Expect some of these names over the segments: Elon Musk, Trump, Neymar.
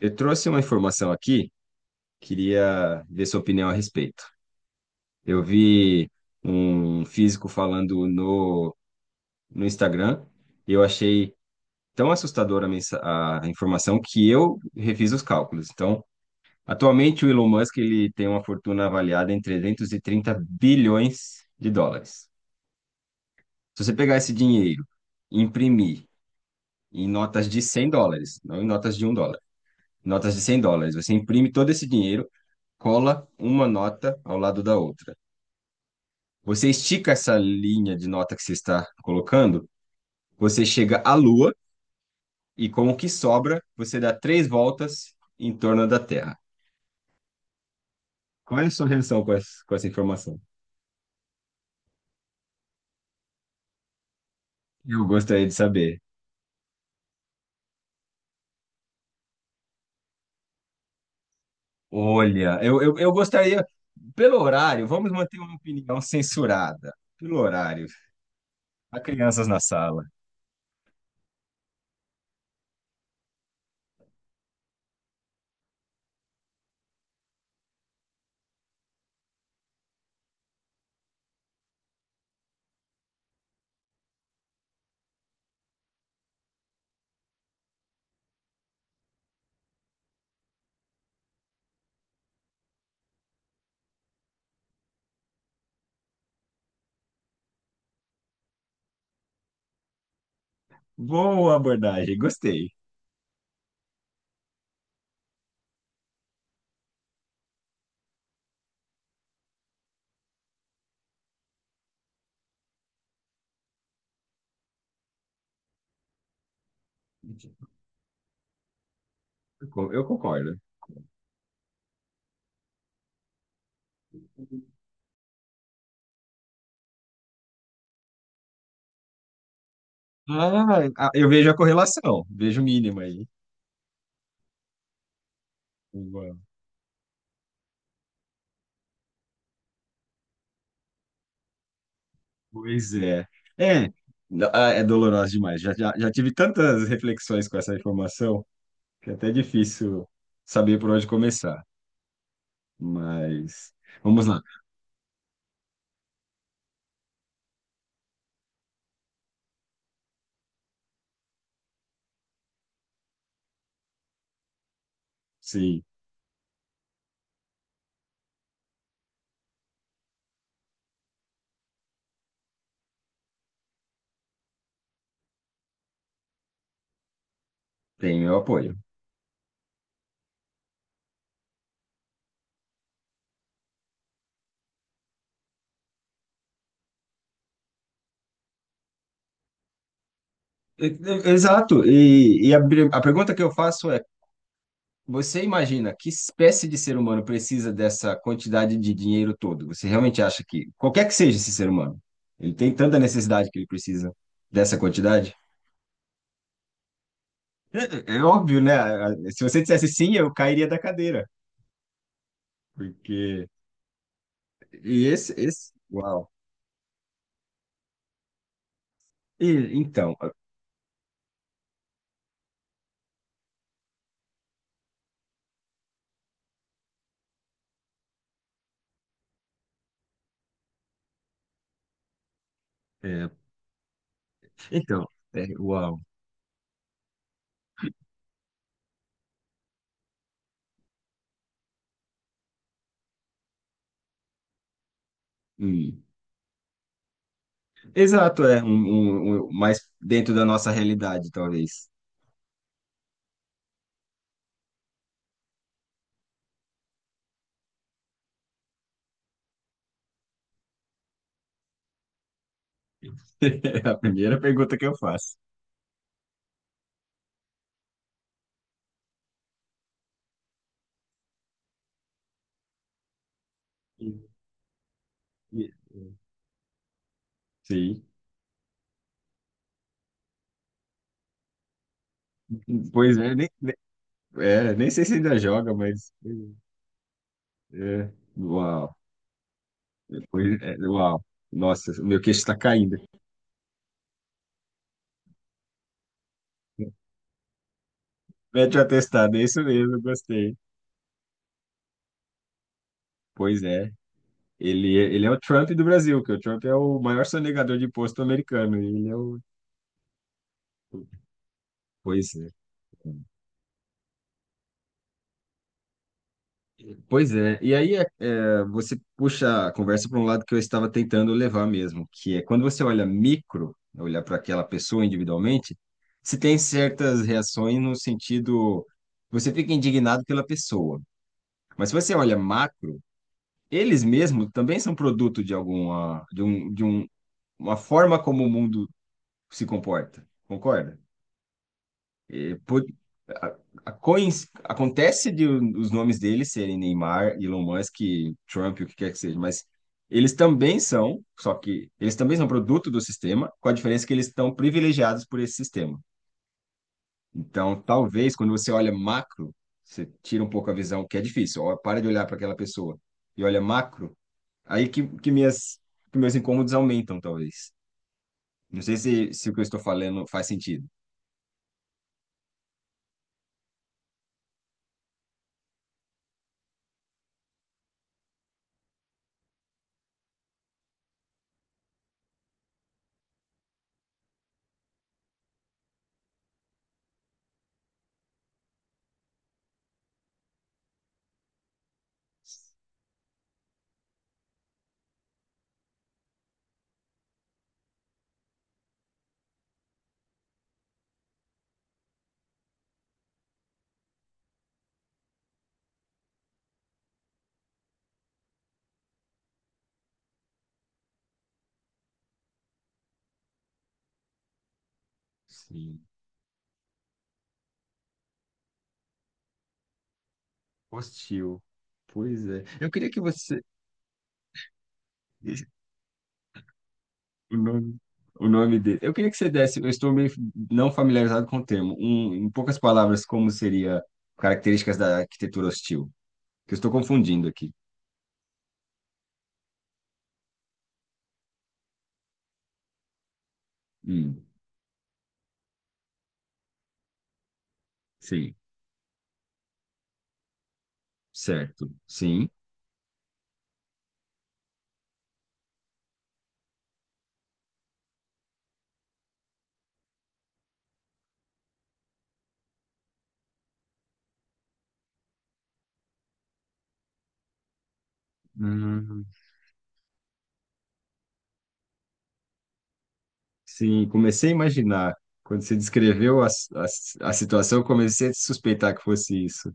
Eu trouxe uma informação aqui, queria ver sua opinião a respeito. Eu vi um físico falando no Instagram, e eu achei tão assustadora a informação que eu refiz os cálculos. Então, atualmente o Elon Musk ele tem uma fortuna avaliada em 330 bilhões de dólares. Se você pegar esse dinheiro e imprimir em notas de 100 dólares, não em notas de 1 dólar, notas de 100 dólares. Você imprime todo esse dinheiro, cola uma nota ao lado da outra. Você estica essa linha de nota que você está colocando, você chega à Lua e com o que sobra, você dá 3 voltas em torno da Terra. Qual é a sua reação com com essa informação? Eu gostaria de saber. Olha, eu gostaria, pelo horário, vamos manter uma opinião censurada. Pelo horário, há crianças na sala. Boa abordagem, gostei. Eu concordo. Eu vejo a correlação, vejo o mínimo aí. Boa. Pois é. É, é doloroso demais. Já tive tantas reflexões com essa informação que é até difícil saber por onde começar. Mas vamos lá. Sim, tem meu apoio. Exato. A pergunta que eu faço é: você imagina que espécie de ser humano precisa dessa quantidade de dinheiro todo? Você realmente acha que, qualquer que seja esse ser humano, ele tem tanta necessidade que ele precisa dessa quantidade? É, é óbvio, né? Se você dissesse sim, eu cairia da cadeira, porque uau. E, então, é, então, uau. Hum. Exato, é mais dentro da nossa realidade, talvez. É a primeira pergunta que eu faço. E- e- Sim. Pois é, nem sei se ainda joga, mas. É, uau. Pois é, uau. Nossa, meu queixo está caindo. Mete o atestado, é isso mesmo, gostei. Pois é. Ele é o Trump do Brasil, que o Trump é o maior sonegador de imposto americano. E Ele é o. Pois é. Pois é, e aí você puxa a conversa para um lado que eu estava tentando levar mesmo, que é quando você olha micro, olhar para aquela pessoa individualmente, se tem certas reações no sentido, você fica indignado pela pessoa. Mas se você olha macro, eles mesmos também são produto de alguma, de um, uma forma como o mundo se comporta, concorda? É, Por- a- acontece de os nomes deles serem Neymar, Elon Musk, Trump, o que quer que seja, mas eles também são produto do sistema, com a diferença que eles estão privilegiados por esse sistema. Então, talvez, quando você olha macro, você tira um pouco a visão, que é difícil, ó, para de olhar para aquela pessoa e olha macro, aí que meus incômodos aumentam, talvez. Não sei se o que eu estou falando faz sentido. Sim. Hostil. Pois é. Eu queria que você. O nome, o nome dele. Eu queria que você desse. Eu estou meio não familiarizado com o termo. Um, em poucas palavras, como seria características da arquitetura hostil? Que eu estou confundindo aqui. Hum, sim. Certo. Sim. Hum, sim. Comecei a imaginar. Quando você descreveu a situação, eu comecei a suspeitar que fosse isso.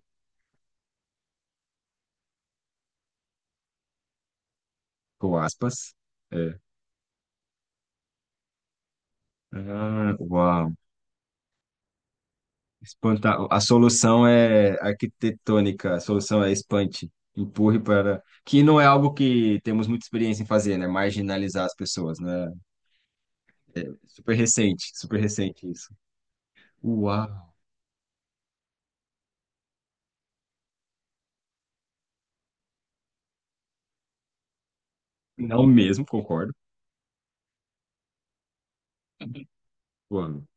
Com aspas. É. Ah, uau. Espantar. A solução é arquitetônica, a solução é espante, empurre para. Que não é algo que temos muita experiência em fazer, né? Marginalizar as pessoas, né? Super recente isso. Uau! Não mesmo, concordo. Uau.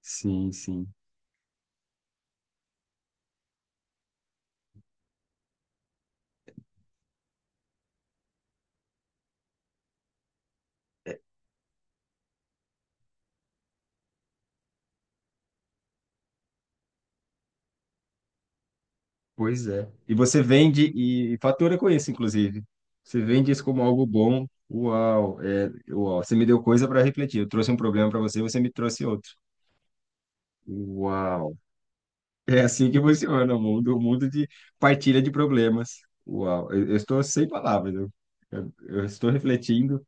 Sim, sim. É, pois é. E você vende e fatura com isso, inclusive. Você vende isso como algo bom. Uau. Você me deu coisa para refletir. Eu trouxe um problema para você, você me trouxe outro. Uau. É assim que funciona o mundo de partilha de problemas. Uau, eu estou sem palavras. Eu- eu estou refletindo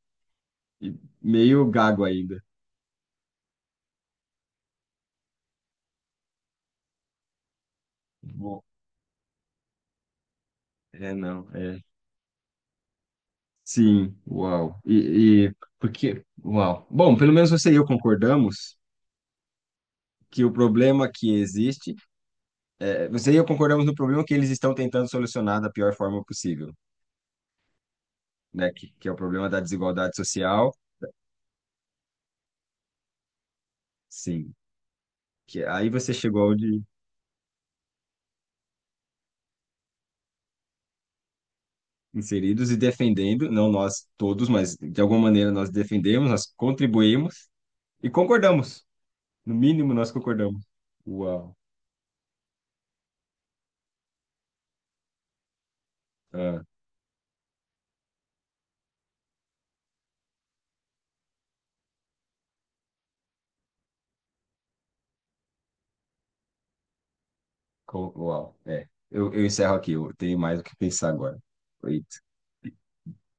e meio gago ainda. Bom, é não, é. Sim, uau. Uau. Bom, pelo menos você e eu concordamos que o problema que existe, é, você e eu concordamos no problema que eles estão tentando solucionar da pior forma possível, né? Que é o problema da desigualdade social. Sim. Que aí você chegou onde inseridos e defendendo, não nós todos, mas de alguma maneira nós defendemos, nós contribuímos e concordamos. No mínimo, nós concordamos. Uau. Ah, uau. É. Eu encerro aqui, eu tenho mais o que pensar agora. Foi